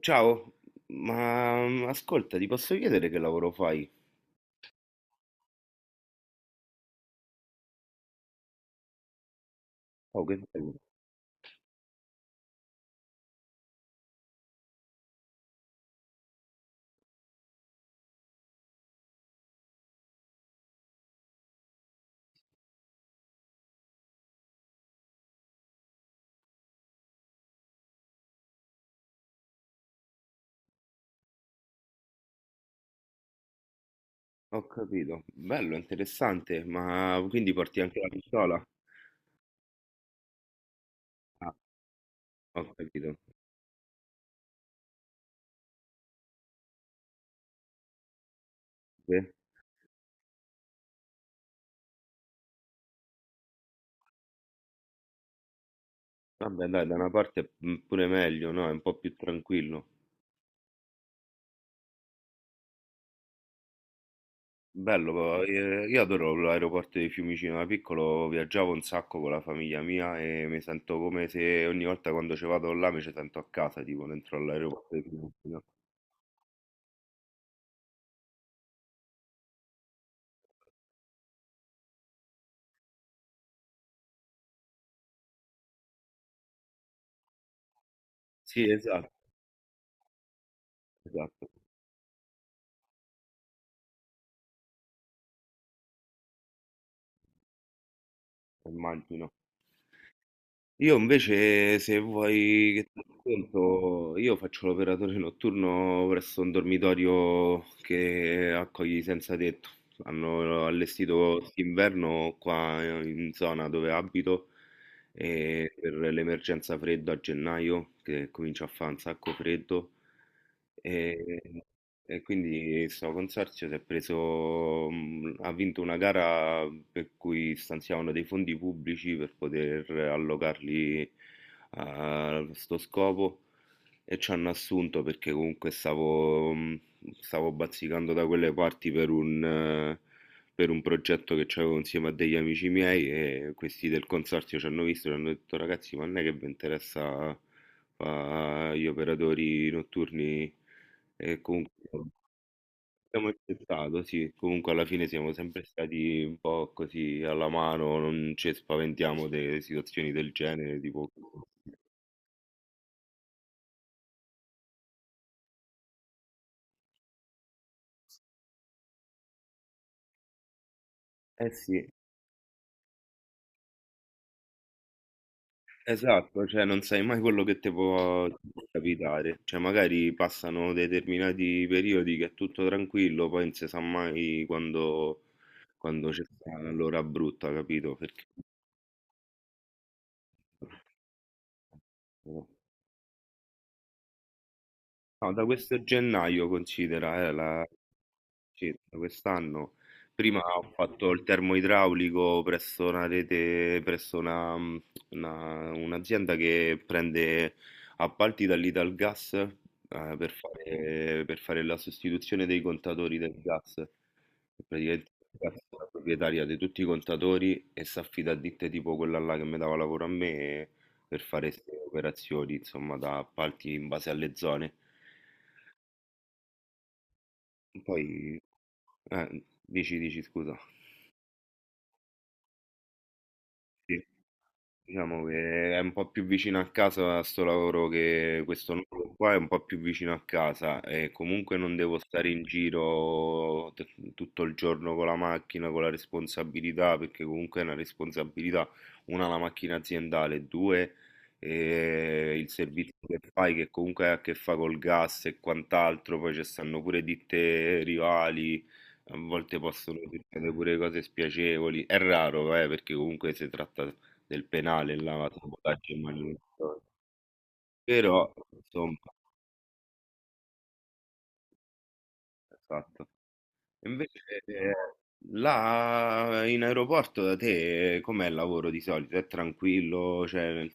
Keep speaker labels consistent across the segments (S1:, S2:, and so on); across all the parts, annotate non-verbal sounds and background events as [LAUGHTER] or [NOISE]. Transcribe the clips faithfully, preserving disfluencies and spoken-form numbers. S1: Ciao, ma mm, ascolta, ti posso chiedere che lavoro fai? Oh, che bello. Ho capito. Bello, interessante, ma quindi porti anche la pistola? Ah, ho capito. Sì. Vabbè, dai, da una parte mm, pure meglio, no? È un po' più tranquillo. Bello, però, eh, io adoro l'aeroporto di Fiumicino, da piccolo viaggiavo un sacco con la famiglia mia e mi sento come se ogni volta quando ci vado là mi ci sento a casa, tipo dentro all'aeroporto di Fiumicino. Sì, esatto, esatto, immagino. Io invece, se vuoi che ti racconto, io faccio l'operatore notturno presso un dormitorio che accoglie i senza tetto. Hanno allestito quest'inverno qua in zona dove abito e per l'emergenza freddo a gennaio, che comincia a fare un sacco freddo. E e quindi sto consorzio si è preso, mh, ha vinto una gara per cui stanziavano dei fondi pubblici per poter allocarli a sto scopo e ci hanno assunto perché comunque stavo, mh, stavo bazzicando da quelle parti per un, eh, per un progetto che avevo insieme a degli amici miei e questi del consorzio ci hanno visto e ci hanno detto ragazzi ma non è che vi interessa fare gli operatori notturni e comunque abbiamo accettato, sì, comunque alla fine siamo sempre stati un po' così alla mano, non ci spaventiamo delle situazioni del genere, tipo... Eh sì, esatto, cioè non sai mai quello che ti può ti può capitare, cioè magari passano determinati periodi che è tutto tranquillo, poi non si sa mai quando, quando c'è stata l'ora brutta, capito? Perché... eh, No, da questo gennaio considera, eh, la... Sì, da quest'anno. Prima ho fatto il termoidraulico presso una rete, presso una, una- un'azienda che prende appalti dall'Italgas, eh, per fare, per fare la sostituzione dei contatori del gas. E praticamente il gas è la proprietaria di tutti i contatori e si affida a ditte tipo quella là che mi dava lavoro a me per fare queste operazioni, insomma, da appalti in base alle zone. Poi, eh, dici, dici, scusa. Sì. Diciamo che è un po' più vicino a casa sto lavoro che questo nuovo qua è un po' più vicino a casa e comunque non devo stare in giro t- tutto il giorno con la macchina, con la responsabilità, perché comunque è una responsabilità, una la macchina aziendale, due eh, il servizio che fai che comunque ha a che fare col gas e quant'altro, poi ci stanno pure ditte rivali. A volte possono succedere pure cose spiacevoli, è raro, eh, perché comunque si tratta del penale là, sabotaggio e manutenzione. Però insomma, esatto. Invece eh, là in aeroporto da te eh, com'è il lavoro di solito? È tranquillo, cioè, nel-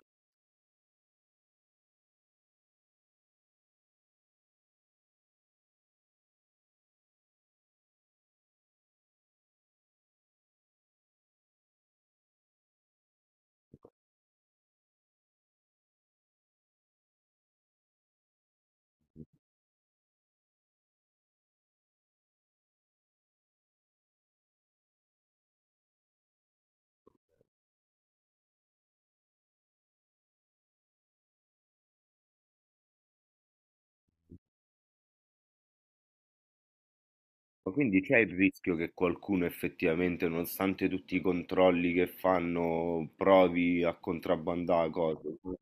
S1: ma quindi c'è il rischio che qualcuno effettivamente, nonostante tutti i controlli che fanno, provi a contrabbandare cose? Ok,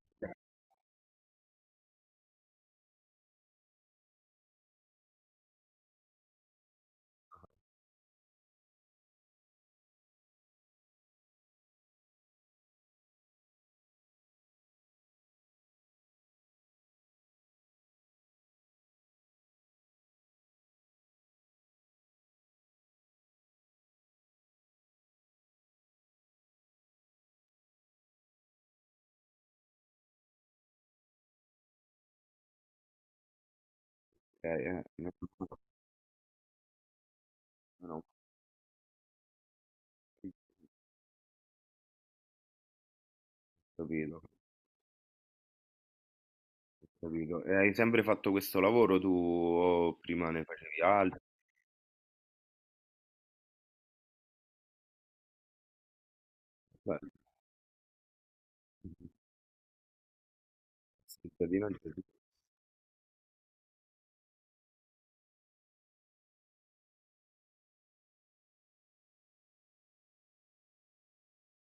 S1: eh, non ho capito, non ho capito. E hai sempre fatto questo lavoro tu o prima ne facevi altri? Beh. Cittadino Gesù.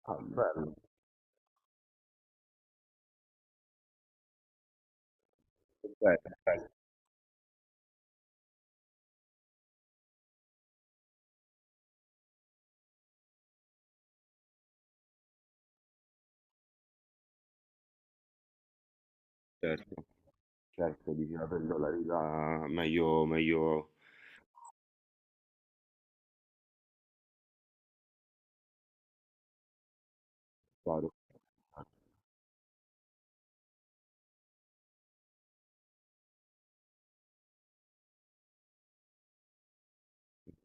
S1: Ah, bello, bene, bene, certo, certo, diceva prendo la vita meglio, meglio, claro. Ho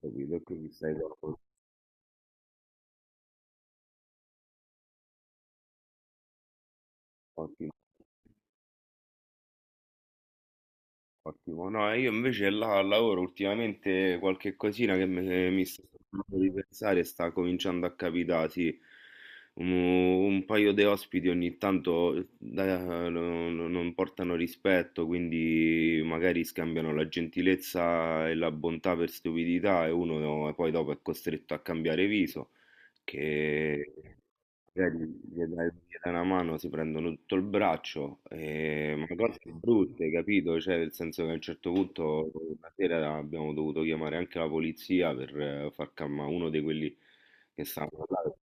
S1: capito, quindi stai con ottimo. Ottimo, no, io invece là al lavoro ultimamente qualche cosina che me- mi sta facendo ripensare sta cominciando a capitare, sì. Un, un paio di ospiti ogni tanto da- no- no- non portano rispetto, quindi magari scambiano la gentilezza e la bontà per stupidità e uno poi dopo è costretto a cambiare viso, che... Cioè, gli gli dai gli dai una mano, si prendono tutto il braccio, eh, ma cose, sì, brutte, capito? Cioè, nel senso che a un certo punto una sera abbiamo dovuto chiamare anche la polizia per eh, far calmare uno di quelli che stavano là.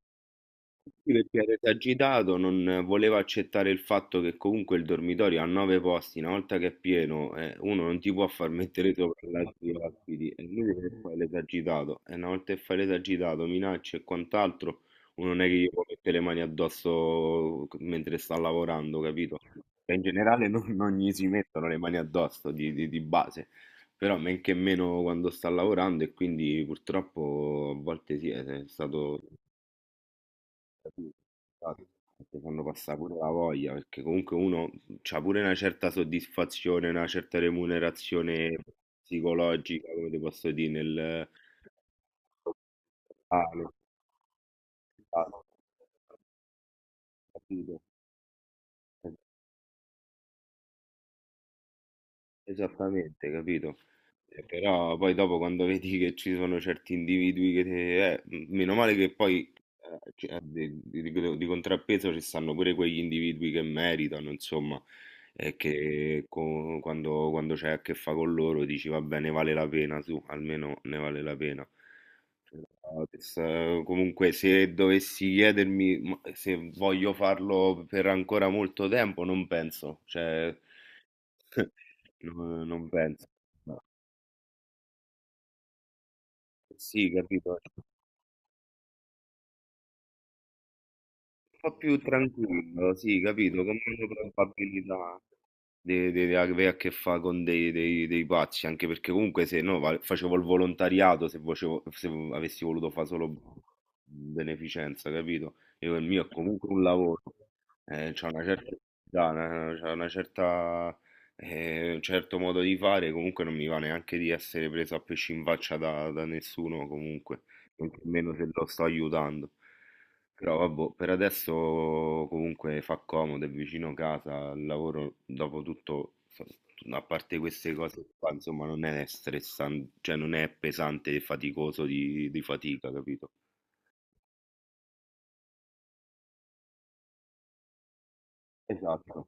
S1: Sì, perché era esagitato, non voleva accettare il fatto che comunque il dormitorio ha nove posti, una volta che è pieno, eh, uno non ti può far [LAUGHS] mettere sopra gli altri ospiti, e lui che fa l'esagitato, e una volta che fai l'esagitato, minacce e quant'altro, uno non è che gli può mettere le mani addosso mentre sta lavorando, capito? Cioè, in generale non, non gli si mettono le mani addosso di, di- di base, però men che meno quando sta lavorando e quindi purtroppo a volte sì, eh, è stato. Capito? Esatto. Ti fanno passare pure la voglia, perché comunque uno c'ha pure una certa soddisfazione, una certa remunerazione psicologica, come ti posso dire, nel... Ah, nel- ah, capito? Esattamente, capito? Eh, Però poi dopo quando vedi che ci sono certi individui che te- eh, m- meno male che poi eh, ci- eh, di, di- di contrappeso ci stanno pure quegli individui che meritano, insomma, e che co- quando, quando c'è a che fa con loro dici va bene, vale la pena, su, almeno ne vale la pena. Però, se- comunque se dovessi chiedermi ma se voglio farlo per ancora molto tempo, non penso, cioè, [LAUGHS] no, non penso. No. Sì, capito. Un po' più tranquillo, sì, capito, con meno probabilità di, di- di avere a che fare con dei, dei- dei pazzi, anche perché comunque se no va- facevo il volontariato se, vocevo- se avessi voluto fare solo beneficenza, capito? Io il mio è comunque un lavoro, eh, c'è una certa, età, una, c'ha una certa, eh, un certo modo di fare, comunque non mi va neanche di essere preso a pesci in faccia da, da nessuno, comunque, nemmeno se lo sto aiutando. Però vabbè, per adesso comunque fa comodo, è vicino casa, il lavoro dopo tutto, so- a parte queste cose qua, insomma, non è stressante, cioè non è pesante e faticoso di, di fatica, capito? Esatto.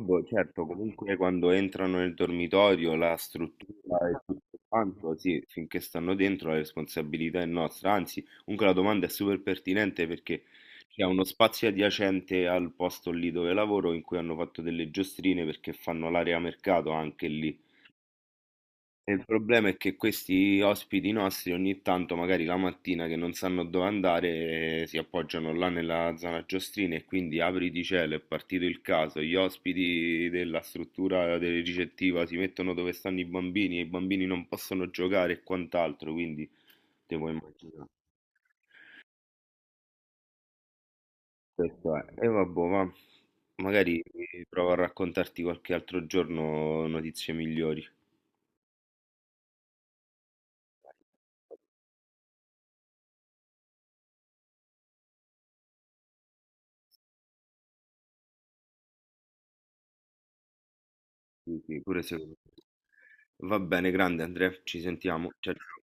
S1: Boh, certo, comunque quando entrano nel dormitorio, la struttura e tutto quanto, sì, finché stanno dentro la responsabilità è nostra. Anzi, comunque la domanda è super pertinente perché c'è uno spazio adiacente al posto lì dove lavoro in cui hanno fatto delle giostrine perché fanno l'area mercato anche lì. E il problema è che questi ospiti nostri ogni tanto, magari la mattina che non sanno dove andare, eh, si appoggiano là nella zona Giostrina e quindi apri di cielo, è partito il caso, gli ospiti della struttura del ricettiva si mettono dove stanno i bambini e i bambini non possono giocare e quant'altro, quindi te puoi immaginare. Questo è. E vabbè, ma magari provo a raccontarti qualche altro giorno notizie migliori. Sì, sì, pure secondo me. Va bene, grande Andrea, ci sentiamo. Ciao, ciao.